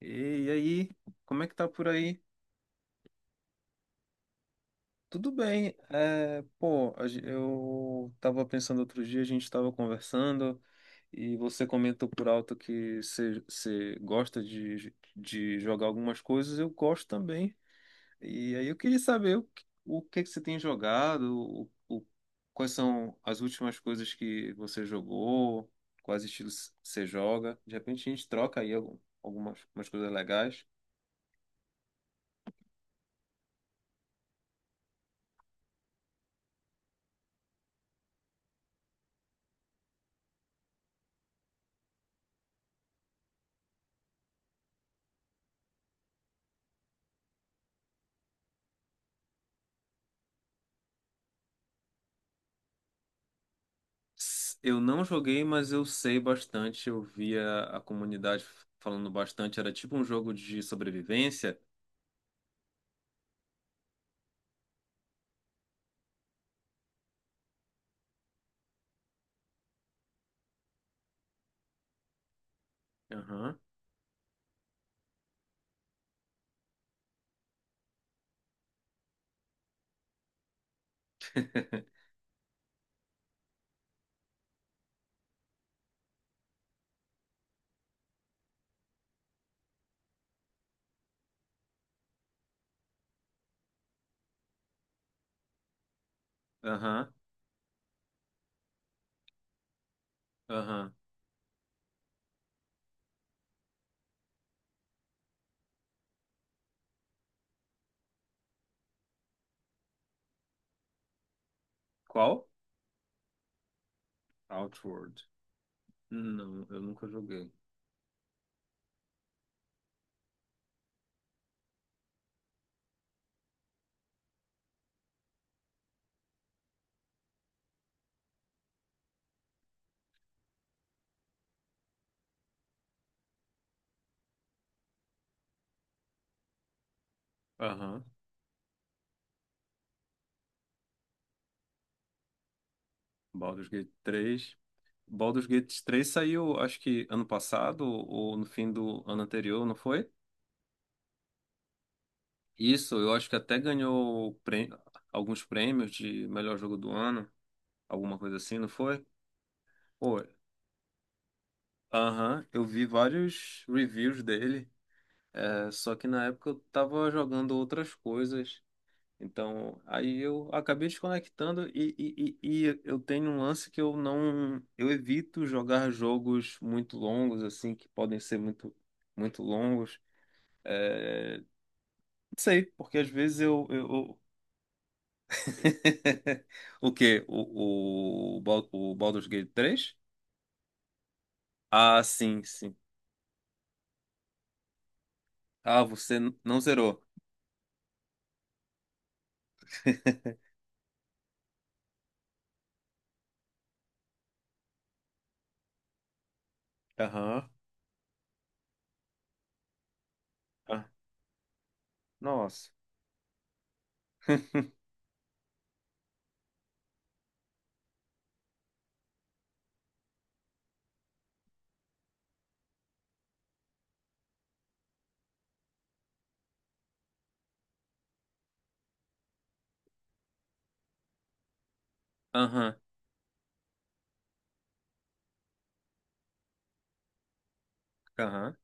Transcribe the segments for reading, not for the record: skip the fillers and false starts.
E aí, como é que tá por aí? Tudo bem. Eu tava pensando outro dia, a gente tava conversando e você comentou por alto que você gosta de jogar algumas coisas, eu gosto também. E aí eu queria saber o que que você tem jogado, quais são as últimas coisas que você jogou, quais estilos você joga. De repente a gente troca aí algumas umas coisas legais. Eu não joguei, mas eu sei bastante. Eu via a comunidade falando bastante. Era tipo um jogo de sobrevivência. Aham. aham, aham. Qual? Outward. Não, eu nunca joguei. Aham. Baldur's Gate 3. Baldur's Gate 3 saiu, acho que ano passado ou no fim do ano anterior, não foi? Isso, eu acho que alguns prêmios de melhor jogo do ano, alguma coisa assim, não foi? Pô. Aham, eu vi vários reviews dele, é, só que na época eu tava jogando outras coisas, então aí eu acabei desconectando e eu tenho um lance que eu não, eu evito jogar jogos muito longos, assim, que podem ser muito longos, é, não sei, porque às vezes eu- O quê? O Baldur's Gate 3? Ah, sim, sim. Ah, não zerou. Aham. Nossa. Aham, aham.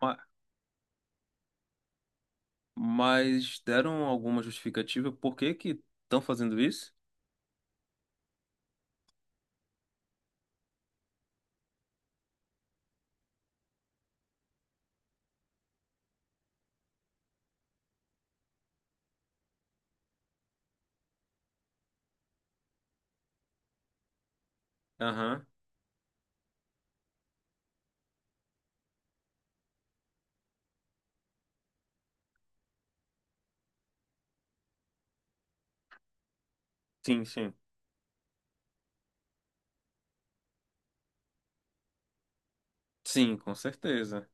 Ma- Mas deram alguma justificativa por que que estão fazendo isso? Aham. Sim, sim. Sim, com certeza.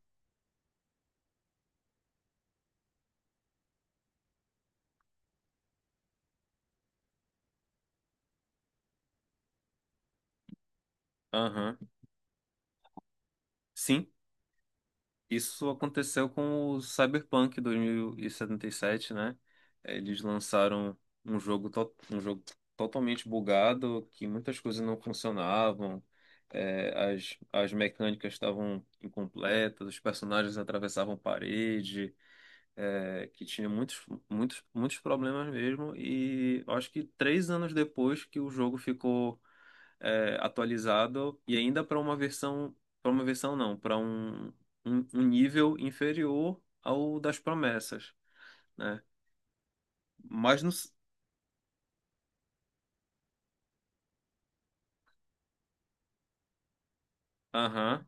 Aham. Sim, isso aconteceu com o Cyberpunk 2077, né? Eles lançaram um jogo totalmente bugado, que muitas coisas não funcionavam, é, as mecânicas estavam incompletas, os personagens atravessavam parede, é, que tinha muitos problemas mesmo. E eu acho que 3 anos depois que o jogo ficou é, atualizado e ainda para uma versão não, para um nível inferior ao das promessas, né? Mas no, aham,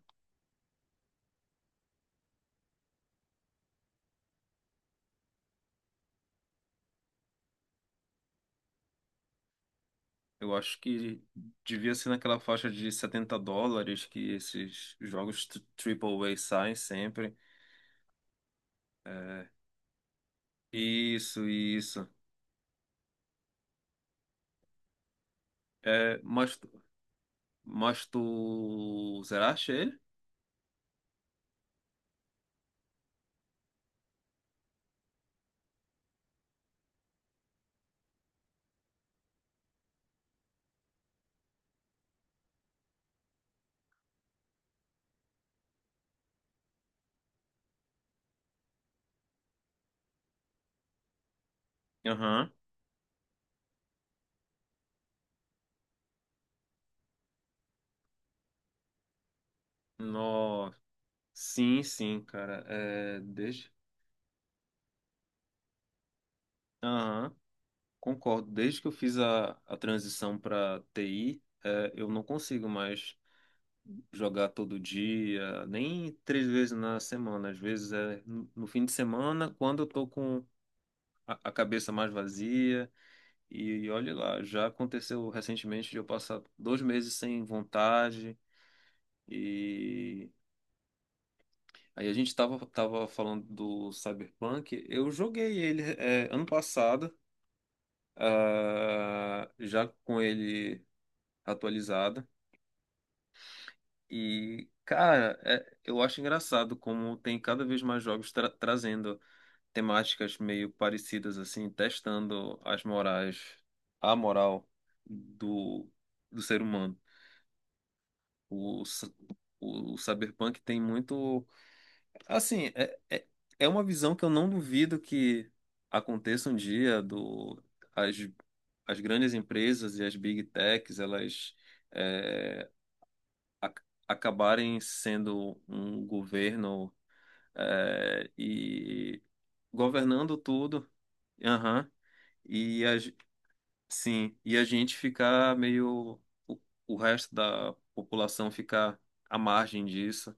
eu acho que devia ser naquela faixa de US$ 70 que esses Triple A saem sempre. É, isso. É, mas. Mas tu. Será? Achei ele? Aham. Nossa. Sim, sim, cara. É, desde. Aham. Concordo. Desde que eu fiz a transição para TI, é, eu não consigo mais jogar todo dia, nem 3 vezes na semana. Às vezes é no fim de semana, quando eu tô com a cabeça mais vazia. E, olha lá, já aconteceu recentemente de eu passar 2 meses sem vontade. E aí a gente tava falando do Cyberpunk. Eu joguei ele é, ano passado, ah, já com ele atualizado. E, cara, eu acho engraçado como tem cada vez mais trazendo temáticas meio parecidas, assim, testando as morais, a moral do, do ser humano. O, c- o Cyberpunk tem muito. Assim, é uma visão que eu não duvido que aconteça um dia do as, as grandes empresas e as big techs, elas é, a- acabarem sendo um governo é, e governando tudo, aham, e sim, e a gente ficar meio o, o resto da população ficar à margem disso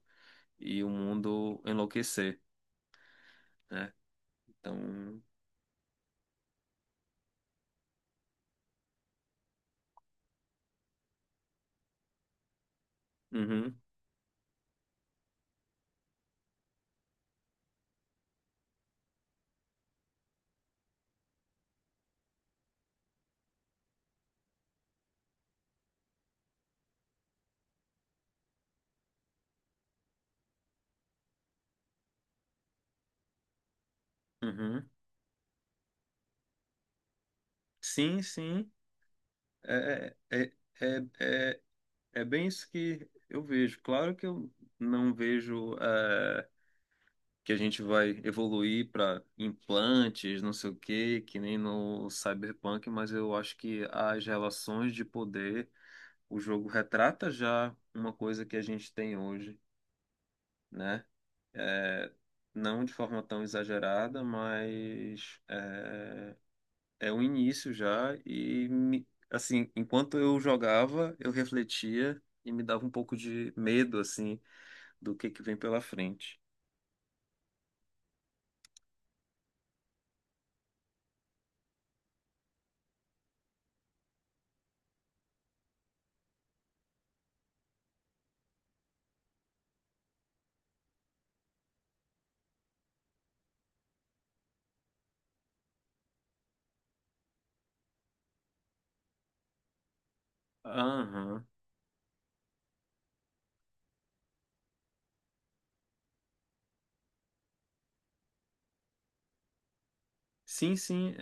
e o mundo enlouquecer, né? Então, uhum. Uhum. Sim, sim. É, é, é, é, é é bem isso que eu vejo. Claro que eu não vejo eh, que a gente vai evoluir para implantes, não sei o quê, que nem no Cyberpunk, mas eu acho que as relações de poder, o jogo retrata já uma coisa que a gente tem hoje, né? Eh, não de forma tão exagerada, mas. É o início já e assim, enquanto eu jogava, eu refletia e me dava um pouco de medo, assim, do que vem pela frente. Aham. Sim, sim.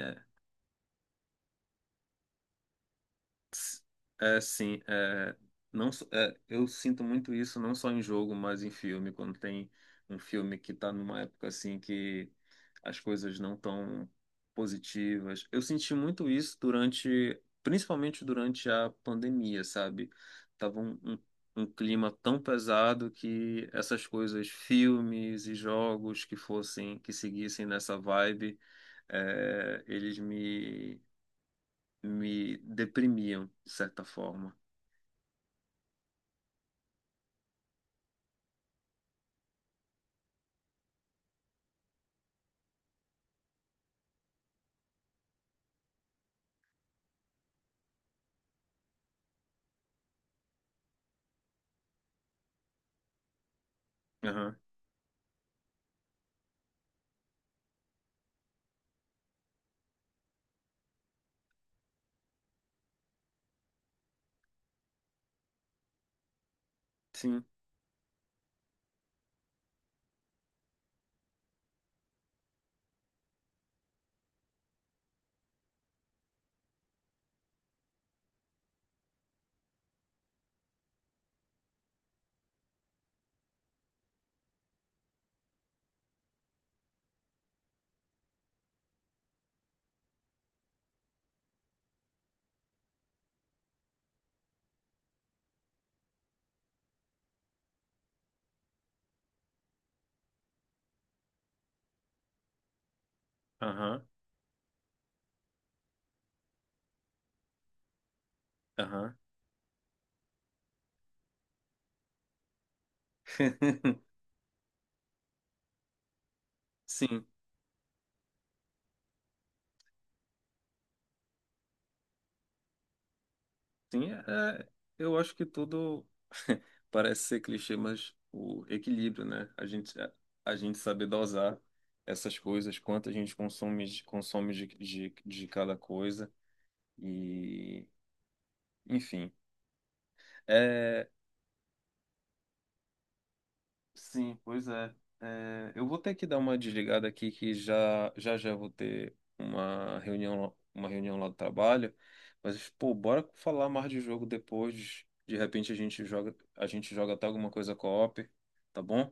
S- É, sim, é, não, só- é, eu sinto muito isso não só em jogo, mas em filme, quando tem um filme que está numa época assim que as coisas não estão positivas. Eu senti muito isso durante, principalmente durante a pandemia, sabe? Tava um clima tão pesado que essas coisas, filmes e jogos que fossem, que seguissem nessa vibe, é, eles me me deprimiam, de certa forma. Aham, Sim, aham, aham. Sim, sim, é, eu acho que tudo parece ser clichê, mas o equilíbrio, né? A gente saber dosar essas coisas, quanto a gente consome, consome de cada coisa e, enfim. É, Sim, pois é. É, eu vou ter que dar uma desligada aqui que já vou ter uma reunião lá do trabalho. Mas, pô, bora falar mais de jogo depois. De repente a gente joga até alguma coisa co-op, tá bom?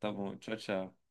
Tá bom, tchau, tchau.